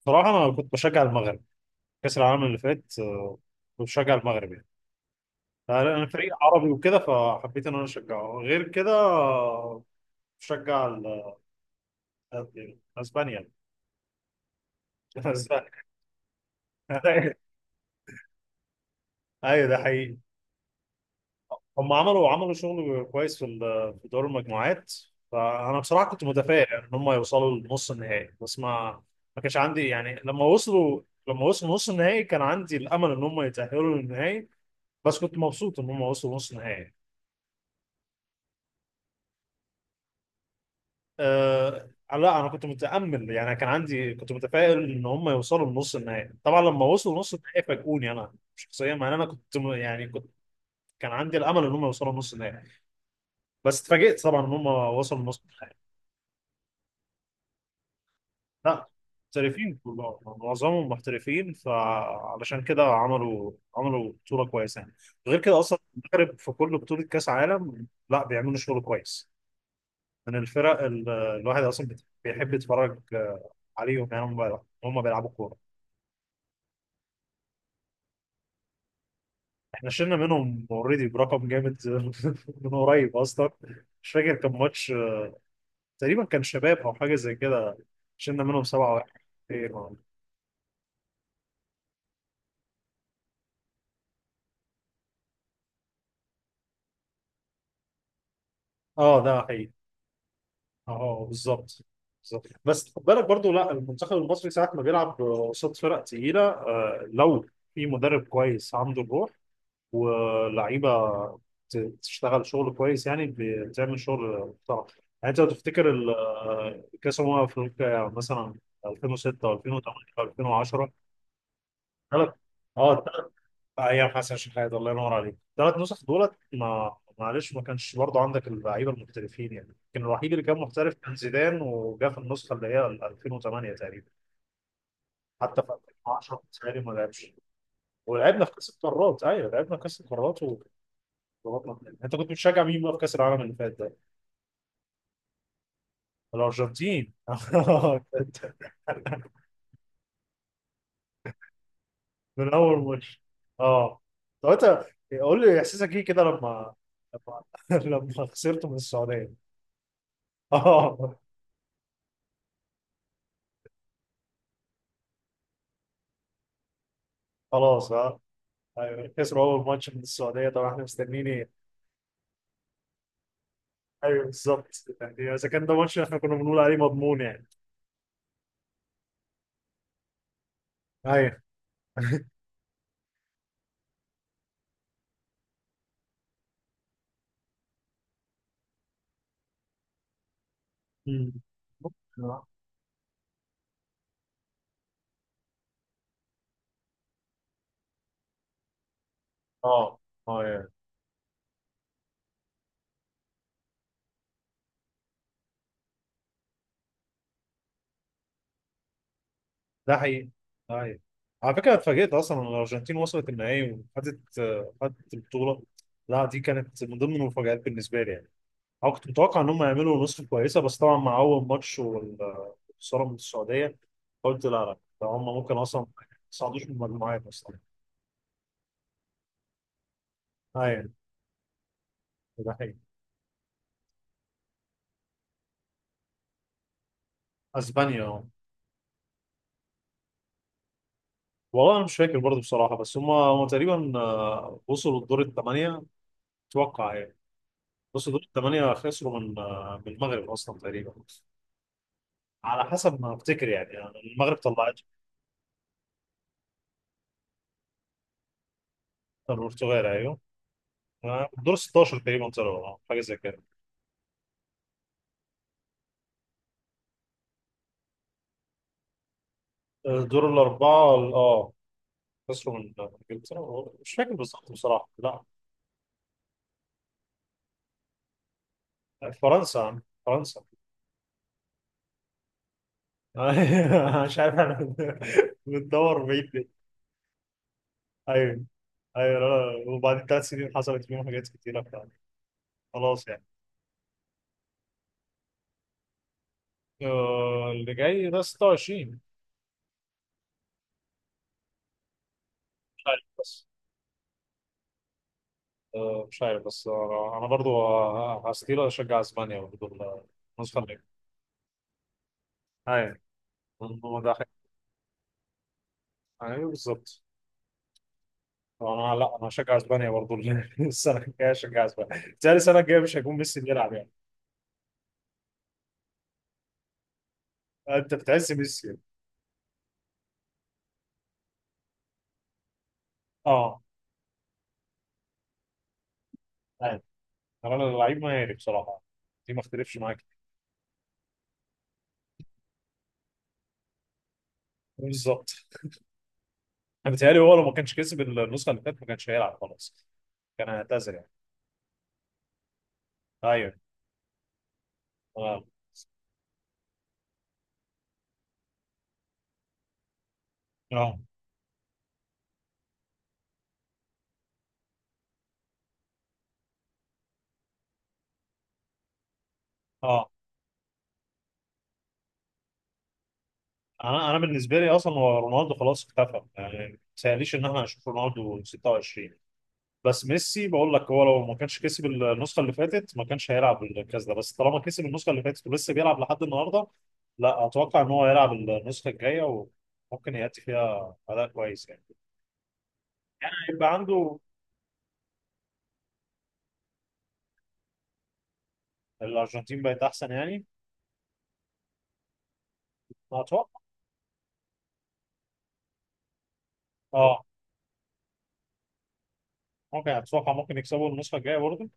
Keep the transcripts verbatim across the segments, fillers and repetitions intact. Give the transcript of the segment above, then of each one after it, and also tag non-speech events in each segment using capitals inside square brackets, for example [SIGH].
بصراحة أنا كنت بشجع المغرب كأس العالم اللي فات آه، كنت بشجع المغرب يعني. أنا أنا فريق عربي وكده فحبيت إن أنا أشجعه غير كده آه، بشجع ال- يعني أسبانيا. [LAUGHS] أسبانيا. [LAUGHS] أيوة، ده حقيقي. هم عملوا عملوا شغل كويس في ال- في دور المجموعات. فأنا بصراحة كنت متفائل إن هم يوصلوا لنص النهائي، بس ما ما كانش عندي يعني لما وصلوا لما وصلوا نص النهائي كان عندي الأمل إن هم يتأهلوا للنهائي، بس كنت مبسوط إن هم وصلوا نص النهائي. آه، لا انا كنت متامل يعني كان عندي كنت متفائل ان هم يوصلوا لنص النهائي. طبعا لما وصلوا لنص النهائي فاجئوني انا شخصيا، مع ان انا كنت م- يعني كنت كان عندي الامل ان هم يوصلوا لنص النهائي، بس اتفاجئت طبعا ان هم وصلوا لنص النهائي. لا، محترفين كلهم، معظمهم محترفين، فعلشان كده عملوا عملوا بطوله كويسه يعني. غير كده اصلا المغرب في كل بطوله كاس عالم لا بيعملوا شغل كويس. من الفرق ال- الواحد اصلا بت- بيحب يتفرج آه، عليهم. يعني هم هم بيلعبوا كوره. احنا شلنا منهم اوريدي برقم جامد. [LAUGHS] من قريب اصلا، مش فاكر كان ماتش، تقريبا كان شباب او حاجه زي كده، شلنا منهم سبعة واحد. اه ده حقيقي. اه بالظبط، بالظبط. بس خد بالك برضو، لا المنتخب المصري ساعه ما بيلعب قصاد فرق تقيله آه، لو في مدرب كويس عنده الروح، ولعيبه ت- تشتغل شغل كويس يعني، بتعمل شغل محترم. يعني انت لو تفتكر ال- كاس امم افريقيا مثلا ألفين وستة و2008 و2010. ثلاث اه ثلاث ايام حسن شحات، الله ينور عليك، ثلاث نسخ دولت ما، معلش ما كانش برضه عندك اللعيبه المحترفين يعني. كان الوحيد اللي كان محترف كان زيدان، وجا في النسخه اللي هي ال ألفين وتمانية تقريبا. حتى في ألفين وعشرة بتهيألي ما لعبش، ولعبنا في كاس القارات. ايوه لعبنا في كاس القارات، ضغطنا في النهائي. انت كنت بتشجع مين بقى في كاس العالم اللي فات ده؟ الارجنتين. [LAUGHS] من اول ماتش. اه طب انت قول لي احساسك ايه كده لما لما [LAUGHS] لما خسرت من السعوديه. [LAUGHS] اه خلاص. اه ايوه، خسروا اول ماتش من السعوديه، طبعا احنا مستنيين ايه. ايوه بالظبط. يعني اذا كان ده ماتش احنا كنا بنقول عليه مضمون يعني. ايوه. مم. اه. اه ده حقيقي، ده حقيقي. على فكره اتفاجئت اصلا ان الارجنتين وصلت النهائي، وخدت آه، خدت البطوله. لا دي كانت من ضمن المفاجآت بالنسبه لي يعني. انا كنت متوقع ان هم يعملوا نسخه كويسه، بس طبعا مع اول ماتش والخساره من السعوديه قلت لا لا، ده هم ممكن اصلا ما يصعدوش من المجموعات اصلا. ايوه. ده حقيقي. اسبانيا آه. والله انا مش فاكر برضه بصراحه، بس هم هم تقريبا آه، وصلوا الدور الثمانيه اتوقع يعني. بصوا دول الثمانيه خسروا من آه، من المغرب اصلا تقريبا، على حسب ما افتكر يعني. المغرب طلعت. البرتغال ايوه، دور ستاشر تقريبا طلعوا، اه حاجه زي كده. دور الاربعه اه، خسروا من انجلترا، مش فاكر بالظبط بصراحه. لا، فرنسا فرنسا. [LAUGHS] مش عارف احنا بندور بعيد ليه. ايوه. ايوه لا، وبعدين ثلاث سنين حصلت فيهم حاجات كتيره فعلا. خلاص يعني آه، اللي جاي ده ستة وعشرين. مش عارف بس آه، مش عارف بس انا أنا برضو آه، هستيل اشجع اسبانيا برضو. النسخه. ايوه. هو ده حقيقي. ايوه بالظبط. انا، لا انا هشجع اسبانيا برضه. [LAUGHS] السنه الجايه هشجع اسبانيا تاني. السنه الجايه مش هيكون ميسي بيلعب يعني. آه، انت بتعز ميسي يعني. اه ايوه. انا اللعيب مهاري بصراحه، دي ما اختلفش معاك. بالظبط. انا بيتهيألي هو لو ما كانش كسب النسخه اللي فاتت ما كانش هيلعب خلاص، كان هيعتزل يعني. ايوه. اه. اه. اه. انا انا بالنسبه لي اصلا هو رونالدو خلاص اختفى يعني، ما تسأليش ان احنا هنشوف رونالدو ستة وعشرين. بس ميسي بقول لك هو لو ما كانش كسب النسخه اللي فاتت ما كانش هيلعب الكاس ده، بس طالما كسب النسخه اللي فاتت ولسه بيلعب لحد النهارده، لا اتوقع ان هو هيلعب النسخه الجايه، وممكن يأتي فيها اداء كويس يعني. يبقى عنده. الارجنتين بقت احسن يعني. اتوقع. اه. ممكن، اتوقع ممكن يكسبوا النسخه الجايه برضه.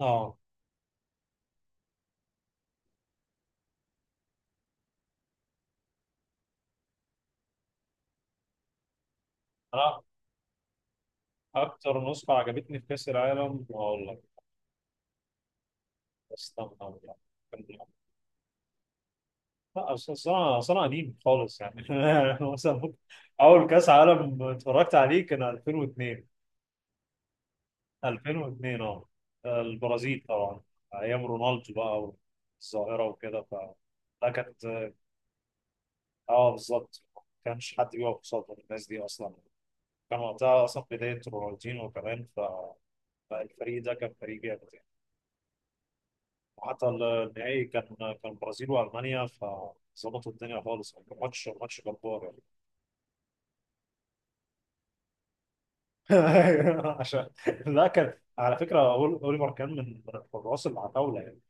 اه. انا اكتر نسخه عجبتني في كاس العالم اقول لك. استنى أقول لك. لا، أصل أصل أنا أصل أنا قديم خالص يعني. [LAUGHS] أنا مثلا ممكن أول كأس عالم اتفرجت عليه كان ألفين واتنين. ألفين واتنين أه، البرازيل طبعا. أيام رونالدو بقى والظاهرة وكده ف ده كانت. أه بالظبط، ما كانش حد بيقف قصاد الناس دي أصلا. كان وقتها أصلا بداية رونالدينو كمان، ف فالفريق ده كان فريق جامد يعني. وحتى النهائي كان كان البرازيل وألمانيا، فظبطوا الدنيا خالص، كان ماتش ماتش جبار يعني. أيوه، عشان. لا كان على فكره أول- اوليفر كان من الحراس اللي على الطاوله يعني.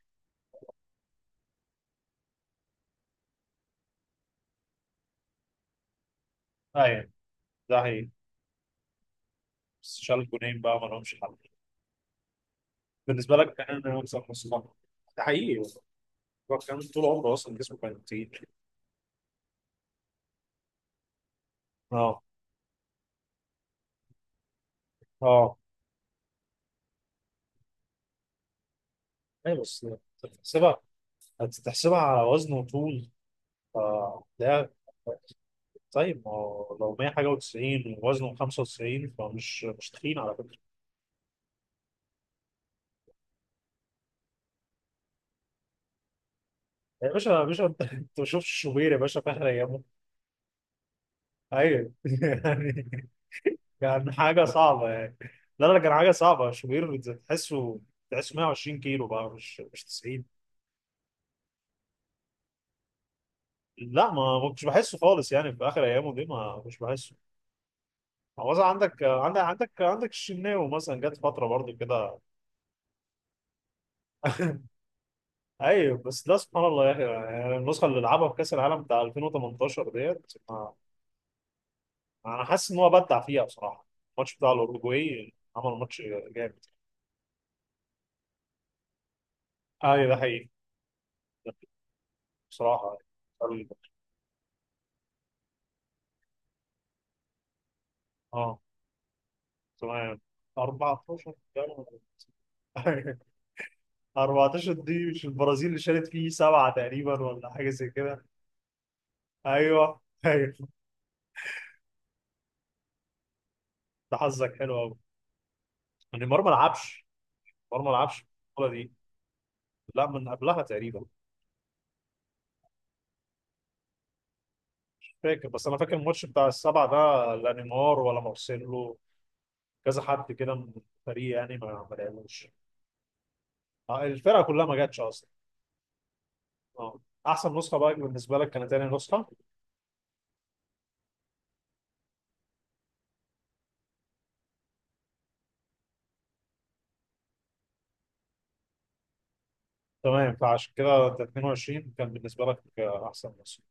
ايوه ده هي، بس شال جونين بقى، ما لهمش حل. بالنسبه لك كان يكسب نص ملعب. ده حقيقي، اوليفر كان طول عمره اصلا جسمه كان كتير. اه. اه. ايوه بس تحسبها هتحسبها على وزن وطول آه، ده. طيب ما هو لو مية حاجه وتسعين ووزنه خمسة وتسعين فمش مش تخين على فكره. يا باشا يا باشا، انت أنت ما شفتش شوبير يا باشا في اخر ايامه. ايوه. [LAUGHS] يعني كان حاجة صعبة يعني. لا لا، كان حاجة صعبة، شوبير تحسه تحسه مية وعشرين كيلو بقى، مش مش تسعين. لا ما ما كنتش بحسه خالص يعني، في آخر أيامه دي ما مش بحسه. هو مثلا عندك عندك عندك عندك الشناوي مثلا، جت فترة برضه كده. [LAUGHS] أيوه بس ده سبحان الله يا أخي، يعني النسخة اللي لعبها في كأس العالم بتاع ألفين وتمنتاشر ديت ما- أنا حاسس إن هو بدع فيها بصراحة. الماتش بتاع الأوروجواي، عمل ماتش جامد. أيوه ده حقيقي. بصراحة يعني. اه تمام. أربعتاشر. أربعتاشر [LAUGHS] دي مش البرازيل اللي شالت فيه سبعة تقريبا، ولا حاجة زي كده. ايوه. [LAUGHS] ايوه. ده حظك حلو قوي، نيمار ما لعبش. نيمار ما لعبش البطولة دي، لا من قبلها تقريبا. مش فاكر، بس انا فاكر الماتش بتاع السبعة ده لا نيمار ولا مارسيلو، كذا حد كده من الفريق يعني ما ما لعبوش. آه، الفرقة كلها ما جاتش اصلا. اه. احسن نسخة بقى بالنسبة لك كانت تاني نسخة. تمام، فعشان كده انت اتنين وعشرين كان بالنسبة لك آه، احسن نسخة.